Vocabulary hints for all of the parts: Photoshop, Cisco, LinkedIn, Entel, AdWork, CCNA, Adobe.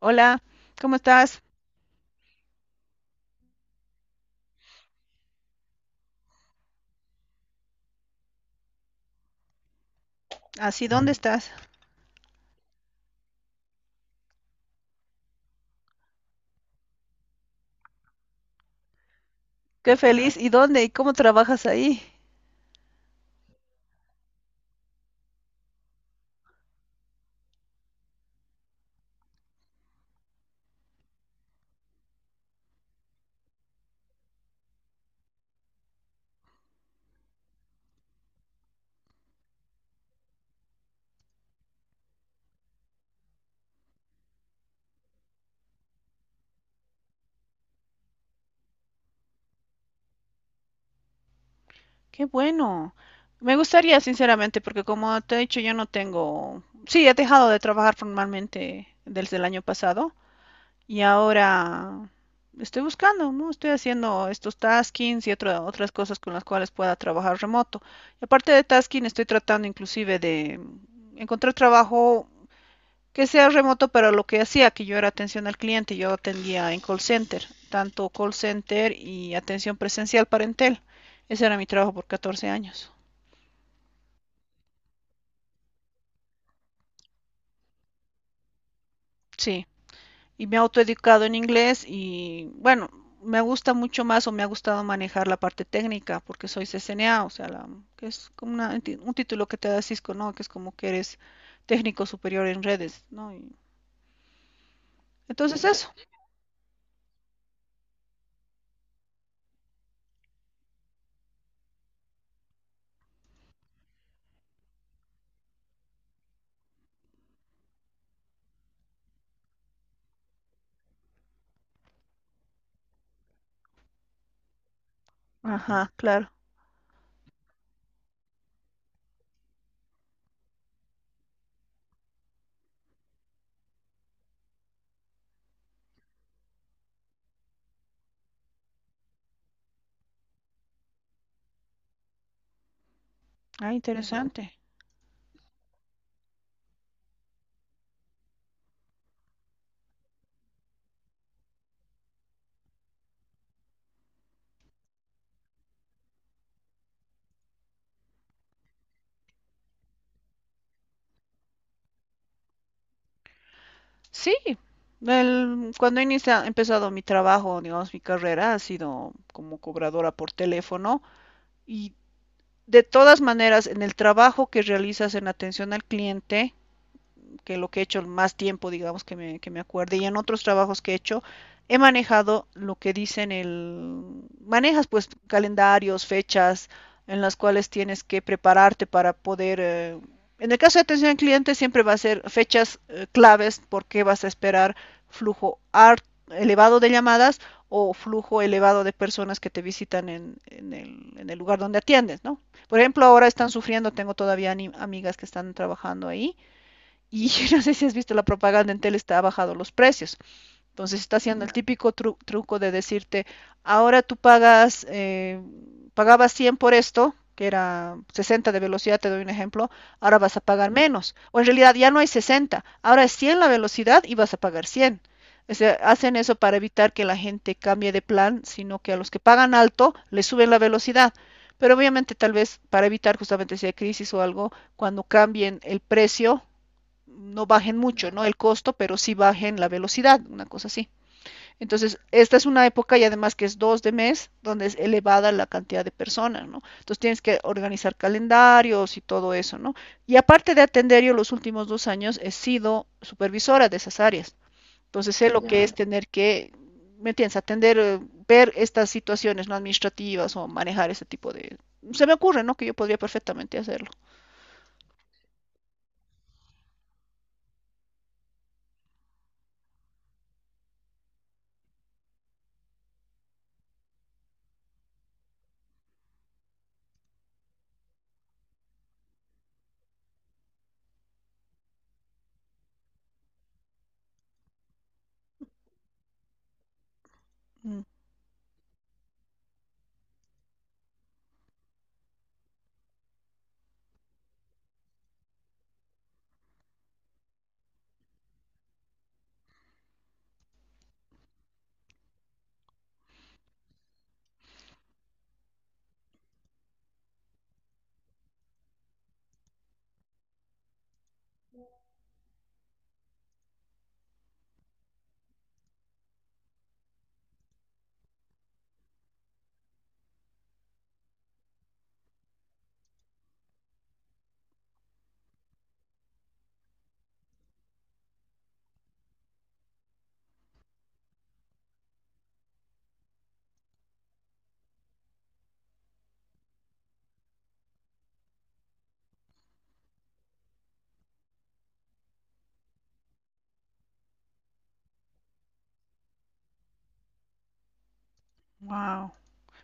Hola, ¿cómo estás? Así, ¿dónde estás? Qué feliz. ¿Y dónde? ¿Y cómo trabajas ahí? Qué bueno. Me gustaría, sinceramente, porque como te he dicho, yo no tengo... Sí, he dejado de trabajar formalmente desde el año pasado y ahora estoy buscando, ¿no? Estoy haciendo estos taskings y otras cosas con las cuales pueda trabajar remoto. Y aparte de tasking, estoy tratando inclusive de encontrar trabajo que sea remoto, pero lo que hacía, que yo era atención al cliente, yo atendía en call center, tanto call center y atención presencial para Entel. Ese era mi trabajo por 14 años. Sí, y me he autoeducado en inglés y bueno, me gusta mucho más o me ha gustado manejar la parte técnica porque soy CCNA, o sea, la, que es como un título que te da Cisco, ¿no? Que es como que eres técnico superior en redes, ¿no? Entonces eso. Ajá, claro. Ah, interesante. Sí, cuando inicia, he empezado mi trabajo, digamos, mi carrera ha sido como cobradora por teléfono y de todas maneras, en el trabajo que realizas en atención al cliente, que lo que he hecho más tiempo, digamos, que me acuerde, y en otros trabajos que he hecho, he manejado lo que dicen el... Manejas pues calendarios, fechas en las cuales tienes que prepararte para poder... en el caso de atención al cliente siempre va a ser fechas claves porque vas a esperar flujo ar- elevado de llamadas o flujo elevado de personas que te visitan en el lugar donde atiendes, ¿no? Por ejemplo, ahora están sufriendo, tengo todavía amigas que están trabajando ahí y no sé si has visto la propaganda en tele, está bajado los precios. Entonces está haciendo el típico truco de decirte, ahora tú pagas, pagabas 100 por esto, que era 60 de velocidad, te doy un ejemplo, ahora vas a pagar menos. O en realidad ya no hay sesenta, ahora es 100 la velocidad y vas a pagar cien. O sea, hacen eso para evitar que la gente cambie de plan, sino que a los que pagan alto les suben la velocidad. Pero obviamente tal vez para evitar justamente si hay crisis o algo, cuando cambien el precio, no bajen mucho, ¿no? El costo, pero sí bajen la velocidad, una cosa así. Entonces, esta es una época y además que es dos de mes, donde es elevada la cantidad de personas, ¿no? Entonces tienes que organizar calendarios y todo eso, ¿no? Y aparte de atender, yo los últimos dos años he sido supervisora de esas áreas. Entonces sé lo que es tener que, ¿me entiendes? Atender, ver estas situaciones no administrativas o manejar ese tipo de... Se me ocurre, ¿no? Que yo podría perfectamente hacerlo. Wow.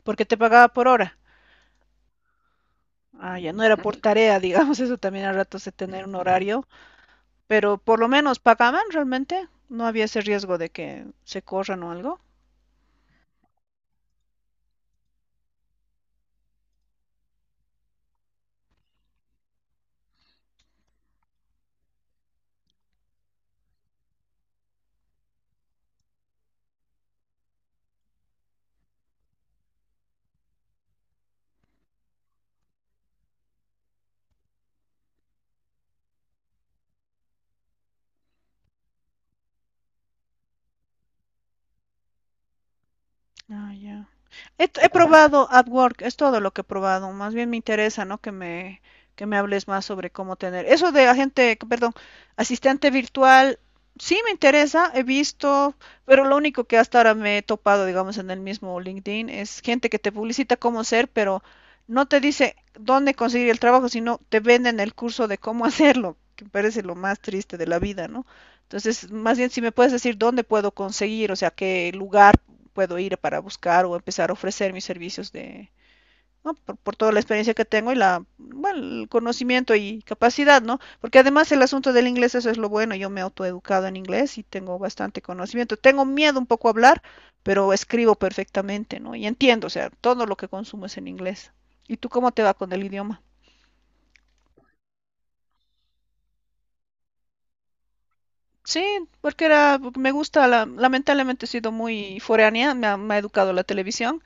¿Por qué te pagaba por hora? Ah, ya no era por Ujú, tarea, digamos, eso también a ratos de tener un horario, pero por lo menos pagaban realmente, no había ese riesgo de que se corran o algo. Ah, ya. He probado AdWork, es todo lo que he probado. Más bien me interesa, ¿no? Que me hables más sobre cómo tener. Eso de agente, perdón, asistente virtual, sí me interesa, he visto, pero lo único que hasta ahora me he topado, digamos, en el mismo LinkedIn es gente que te publicita cómo ser, pero no te dice dónde conseguir el trabajo, sino te venden el curso de cómo hacerlo, que me parece lo más triste de la vida, ¿no? Entonces, más bien si me puedes decir dónde puedo conseguir, o sea, qué lugar puedo ir para buscar o empezar a ofrecer mis servicios de, ¿no? Toda la experiencia que tengo y la, bueno, el conocimiento y capacidad, ¿no? Porque además el asunto del inglés, eso es lo bueno, yo me he autoeducado en inglés y tengo bastante conocimiento. Tengo miedo un poco a hablar, pero escribo perfectamente, ¿no? Y entiendo, o sea, todo lo que consumo es en inglés. ¿Y tú cómo te va con el idioma? Sí, porque era, me gusta, la, lamentablemente he sido muy foránea, me ha educado la televisión.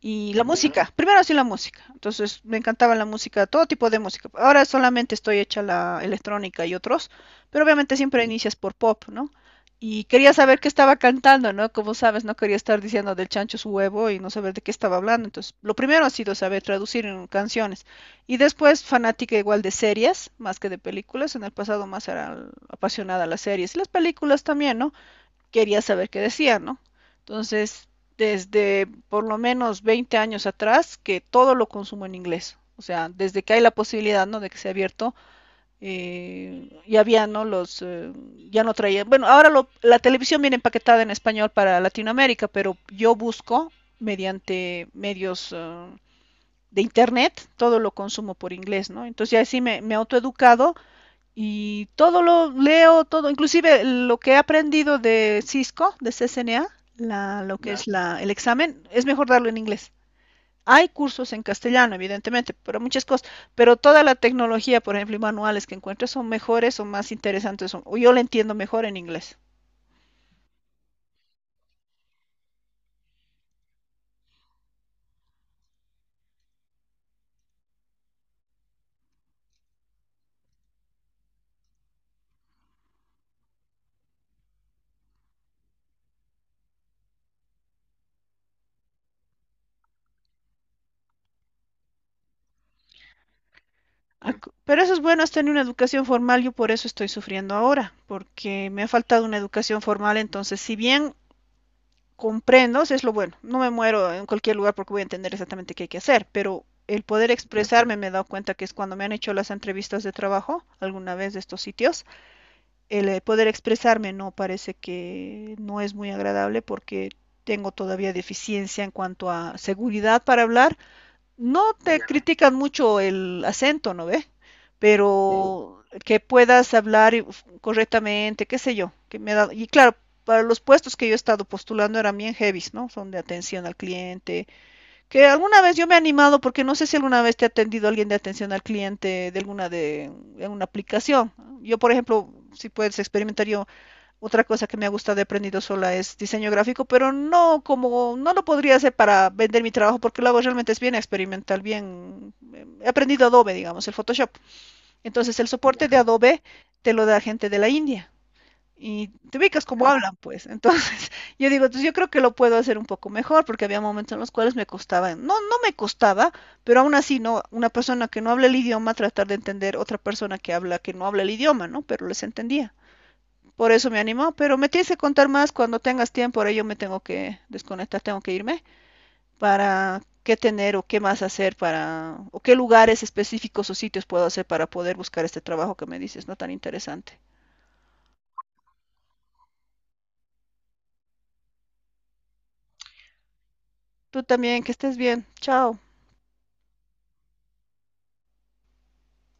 Y la música, primero sí la música. Entonces me encantaba la música, todo tipo de música. Ahora solamente estoy hecha la electrónica y otros, pero obviamente siempre inicias por pop, ¿no? Y quería saber qué estaba cantando, ¿no? Como sabes, no quería estar diciendo del chancho su huevo y no saber de qué estaba hablando. Entonces, lo primero ha sido saber traducir en canciones. Y después, fanática igual de series, más que de películas. En el pasado más era apasionada a las series. Y las películas también, ¿no? Quería saber qué decía, ¿no? Entonces, desde por lo menos 20 años atrás, que todo lo consumo en inglés. O sea, desde que hay la posibilidad, ¿no? De que sea abierto, ya había, ¿no? Ya no traía. Bueno, ahora lo, la televisión viene empaquetada en español para Latinoamérica, pero yo busco mediante medios de internet, todo lo consumo por inglés, ¿no? Entonces ya sí me he autoeducado y todo lo leo, todo, inclusive lo que he aprendido de Cisco, de CCNA, la, lo que Ya. Es la, el examen, es mejor darlo en inglés. Hay cursos en castellano, evidentemente, pero muchas cosas, pero toda la tecnología, por ejemplo, y manuales que encuentro son mejores o más interesantes, o yo lo entiendo mejor en inglés. Mm. Pero eso es bueno, es tener una educación formal, yo por eso estoy sufriendo ahora, porque me ha faltado una educación formal, entonces, si bien comprendo, si es lo bueno, no me muero en cualquier lugar porque voy a entender exactamente qué hay que hacer, pero el poder expresarme me he dado cuenta que es cuando me han hecho las entrevistas de trabajo, alguna vez de estos sitios, el poder expresarme no parece que no es muy agradable porque tengo todavía deficiencia en cuanto a seguridad para hablar. No te critican mucho el acento, ¿no ve? Pero que puedas hablar correctamente, qué sé yo, que me ha dado... y claro, para los puestos que yo he estado postulando eran bien heavies, ¿no? Son de atención al cliente, que alguna vez yo me he animado porque no sé si alguna vez te ha atendido alguien de atención al cliente de alguna de una aplicación. Yo, por ejemplo, si puedes experimentar, yo otra cosa que me ha gustado de aprendido sola es diseño gráfico, pero no como, no lo podría hacer para vender mi trabajo porque lo hago realmente es bien experimental, bien, he aprendido Adobe, digamos, el Photoshop. Entonces el soporte de Adobe te lo da gente de la India y te ubicas como hablan, pues. Entonces, yo digo, entonces yo creo que lo puedo hacer un poco mejor, porque había momentos en los cuales me costaba, no me costaba, pero aún así, no, una persona que no habla el idioma, tratar de entender otra persona que habla, que no habla el idioma, ¿no? Pero les entendía. Por eso me animó, pero me tienes que contar más cuando tengas tiempo. Ahora yo me tengo que desconectar, tengo que irme para qué tener o qué más hacer para, o qué lugares específicos o sitios puedo hacer para poder buscar este trabajo que me dices, no tan interesante. Tú también, que estés bien. Chao.